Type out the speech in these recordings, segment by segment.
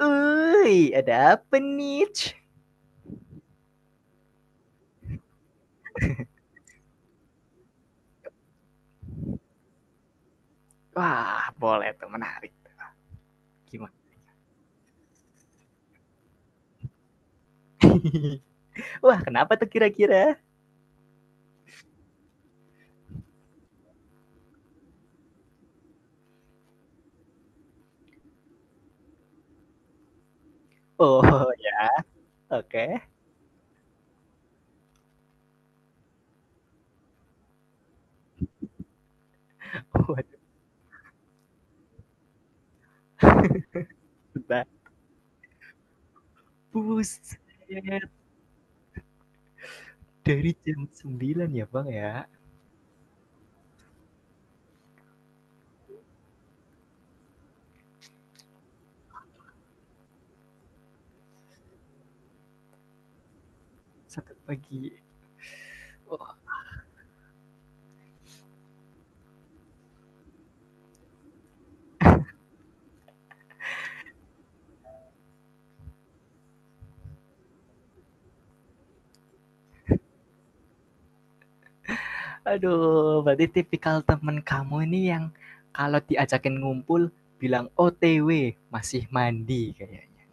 Wuih, ada apa nih? Wah, boleh tuh menarik. Gimana? Wah, kenapa tuh kira-kira? Oh ya, oke. Waduh, bentar. Buset, dari jam 9 ya Bang ya, sampai pagi. Oh, aduh, berarti tipikal temen kamu ini yang kalau diajakin ngumpul bilang OTW, masih mandi kayaknya.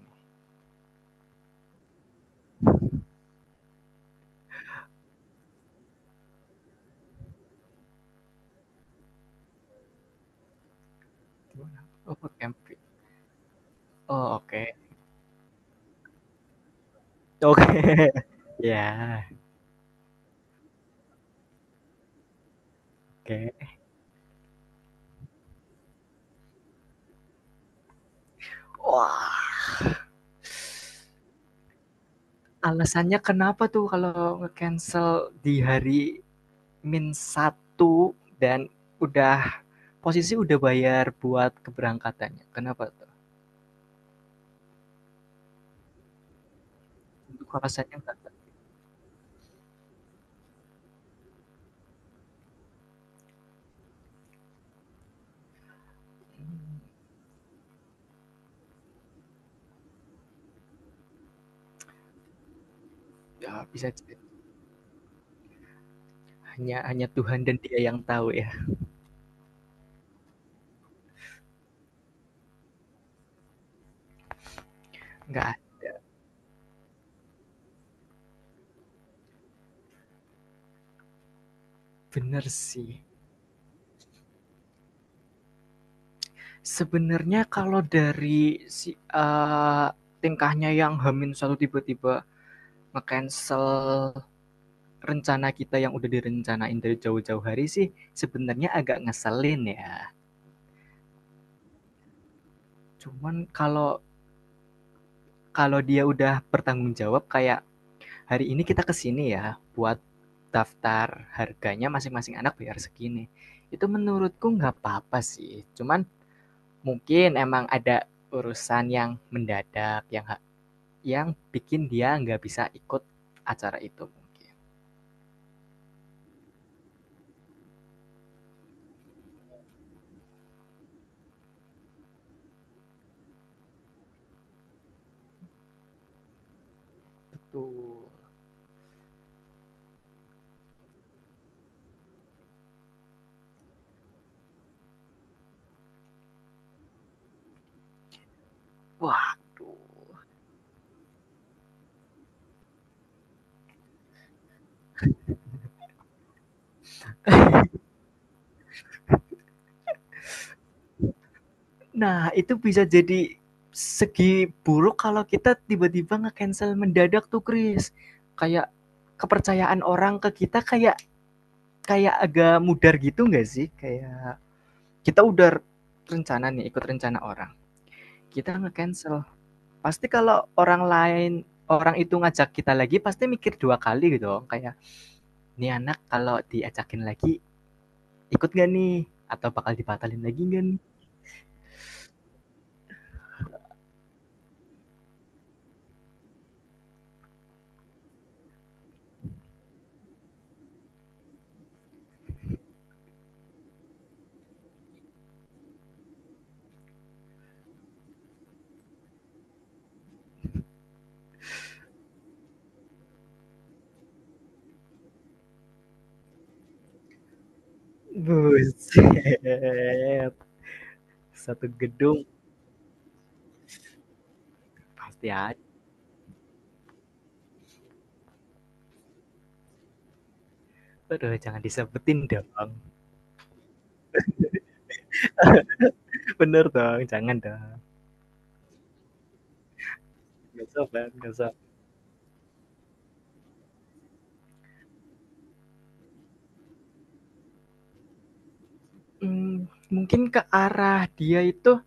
Gimana? Oh, camping. Oh, oke. Oke. Ya, oke. Wah. Alasannya kenapa tuh kalau nge-cancel di hari min satu dan udah posisi udah bayar buat keberangkatannya, kenapa tuh? Untuk alasannya Kakak mmm, ya bisa hanya hanya Tuhan dan Dia yang tahu ya, nggak ada. Bener sih. Sebenarnya kalau dari si tingkahnya yang satu tiba-tiba nge-cancel rencana kita yang udah direncanain dari jauh-jauh hari sih, sebenarnya agak ngeselin ya. Cuman kalau kalau dia udah bertanggung jawab kayak, "Hari ini kita kesini ya, buat daftar harganya masing-masing anak bayar segini." Itu menurutku nggak apa-apa sih, cuman mungkin emang ada urusan yang mendadak yang bikin dia nggak bisa ikut acara itu mungkin. Betul. Waduh. Nah, itu bisa jadi segi buruk kalau kita tiba-tiba nge-cancel mendadak tuh, Kris. Kayak kepercayaan orang ke kita kayak kayak agak mudar gitu nggak sih? Kayak kita udah rencana nih, ikut rencana orang. Kita nge-cancel. Pasti kalau orang itu ngajak kita lagi pasti mikir dua kali gitu. Kayak, "Nih anak kalau diajakin lagi ikut gak nih? Atau bakal dibatalin lagi gak nih?" Buset, satu gedung. Pasti ada, aduh jangan disebutin dong. Bener dong, jangan dong, nggak sopan nggak sop mmm, mungkin ke arah dia itu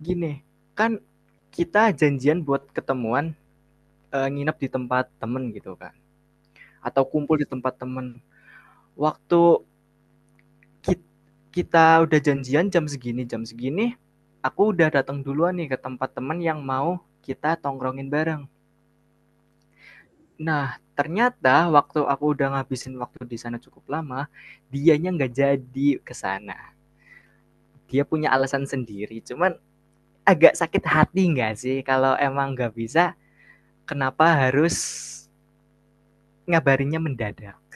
gini, kan kita janjian buat ketemuan, nginep di tempat temen gitu kan, atau kumpul di tempat temen. Waktu kit kita udah janjian jam segini, aku udah datang duluan nih ke tempat temen yang mau kita tongkrongin bareng. Nah, ternyata waktu aku udah ngabisin waktu di sana cukup lama, dianya nggak jadi ke sana. Dia punya alasan sendiri, cuman agak sakit hati nggak sih kalau emang nggak bisa, kenapa harus ngabarinnya mendadak?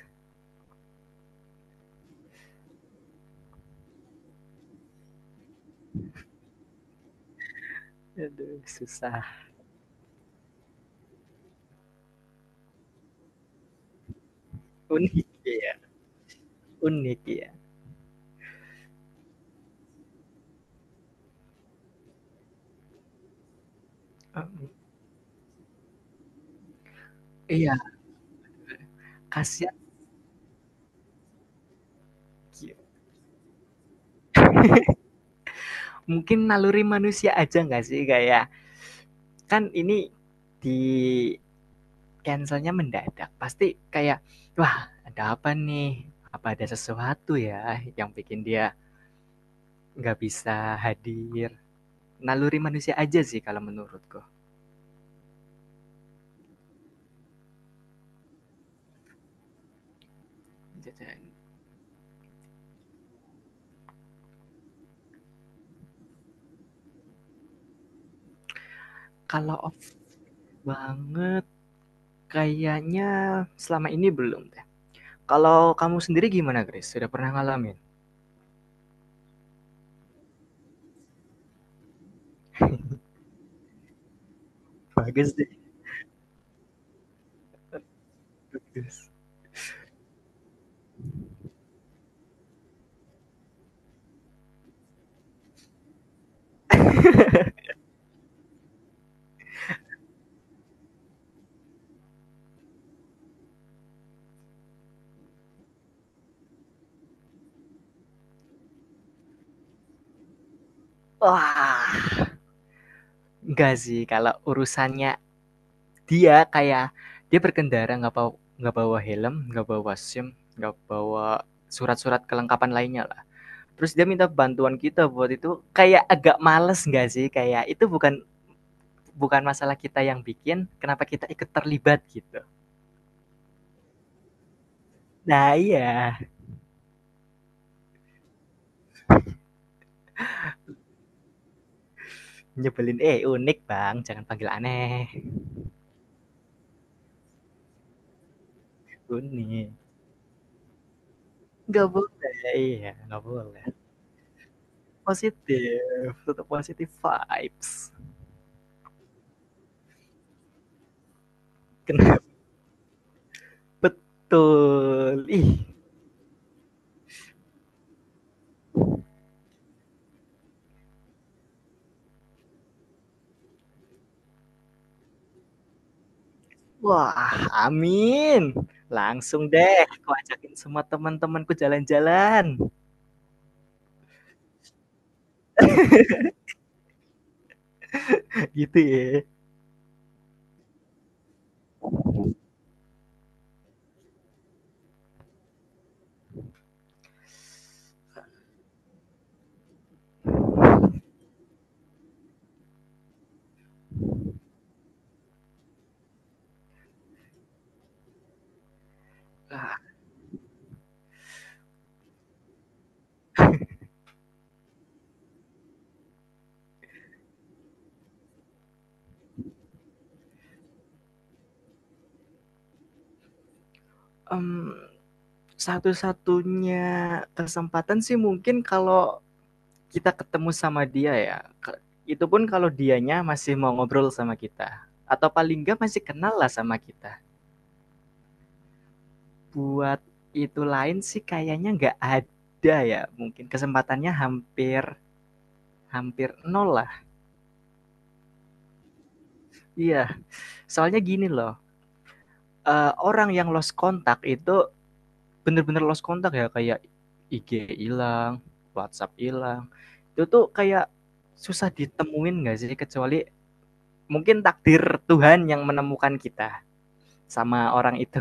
Aduh, susah. Unik ya, unik ya. Mhm. Iya, kasihan. Mungkin naluri manusia aja nggak sih kayak, kan ini di Cancelnya mendadak, pasti kayak, "Wah, ada apa nih? Apa ada sesuatu ya yang bikin dia nggak bisa hadir?" Naluri manusia aja sih kalau menurutku. Gitu. Kalau off banget kayaknya selama ini belum deh. Kalau kamu sendiri gimana, Grace? Sudah pernah ngalamin? Bagus deh, bagus. Wah, enggak sih kalau urusannya dia kayak dia berkendara nggak bawa helm, nggak bawa SIM, nggak bawa surat-surat kelengkapan lainnya lah. Terus dia minta bantuan kita buat itu kayak agak males nggak sih? Kayak itu bukan bukan masalah kita yang bikin, kenapa kita ikut terlibat gitu. Nah iya, nyebelin. Eh unik bang, jangan panggil aneh. Unik. Nggak boleh, iya nggak boleh. Positif, tetap positif vibes. Kenapa betul? Ih, wah, amin. Langsung deh aku ajakin semua teman-temanku jalan-jalan, gitu ya. Nah, mmm, satu-satunya kesempatan sih mungkin kalau kita ketemu sama dia ya, ke itu pun kalau dianya masih mau ngobrol sama kita, atau paling nggak masih kenal lah sama kita. Buat itu lain sih kayaknya nggak ada ya, mungkin kesempatannya hampir hampir nol lah. Iya, soalnya gini loh, orang yang lost kontak itu bener-bener lost kontak ya kayak IG hilang, WhatsApp hilang. Itu tuh kayak susah ditemuin gak sih kecuali mungkin takdir Tuhan yang menemukan kita sama orang itu.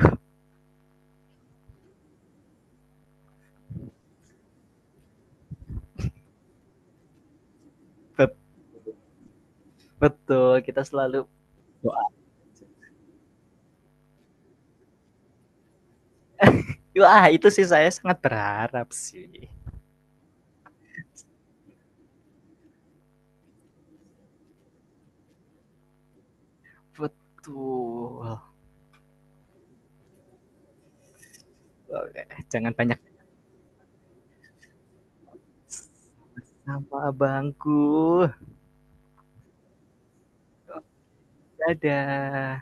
Betul, kita selalu doa. Wah, itu sih saya sangat berharap sih. Betul. Oke, jangan banyak nama abangku. Dadah.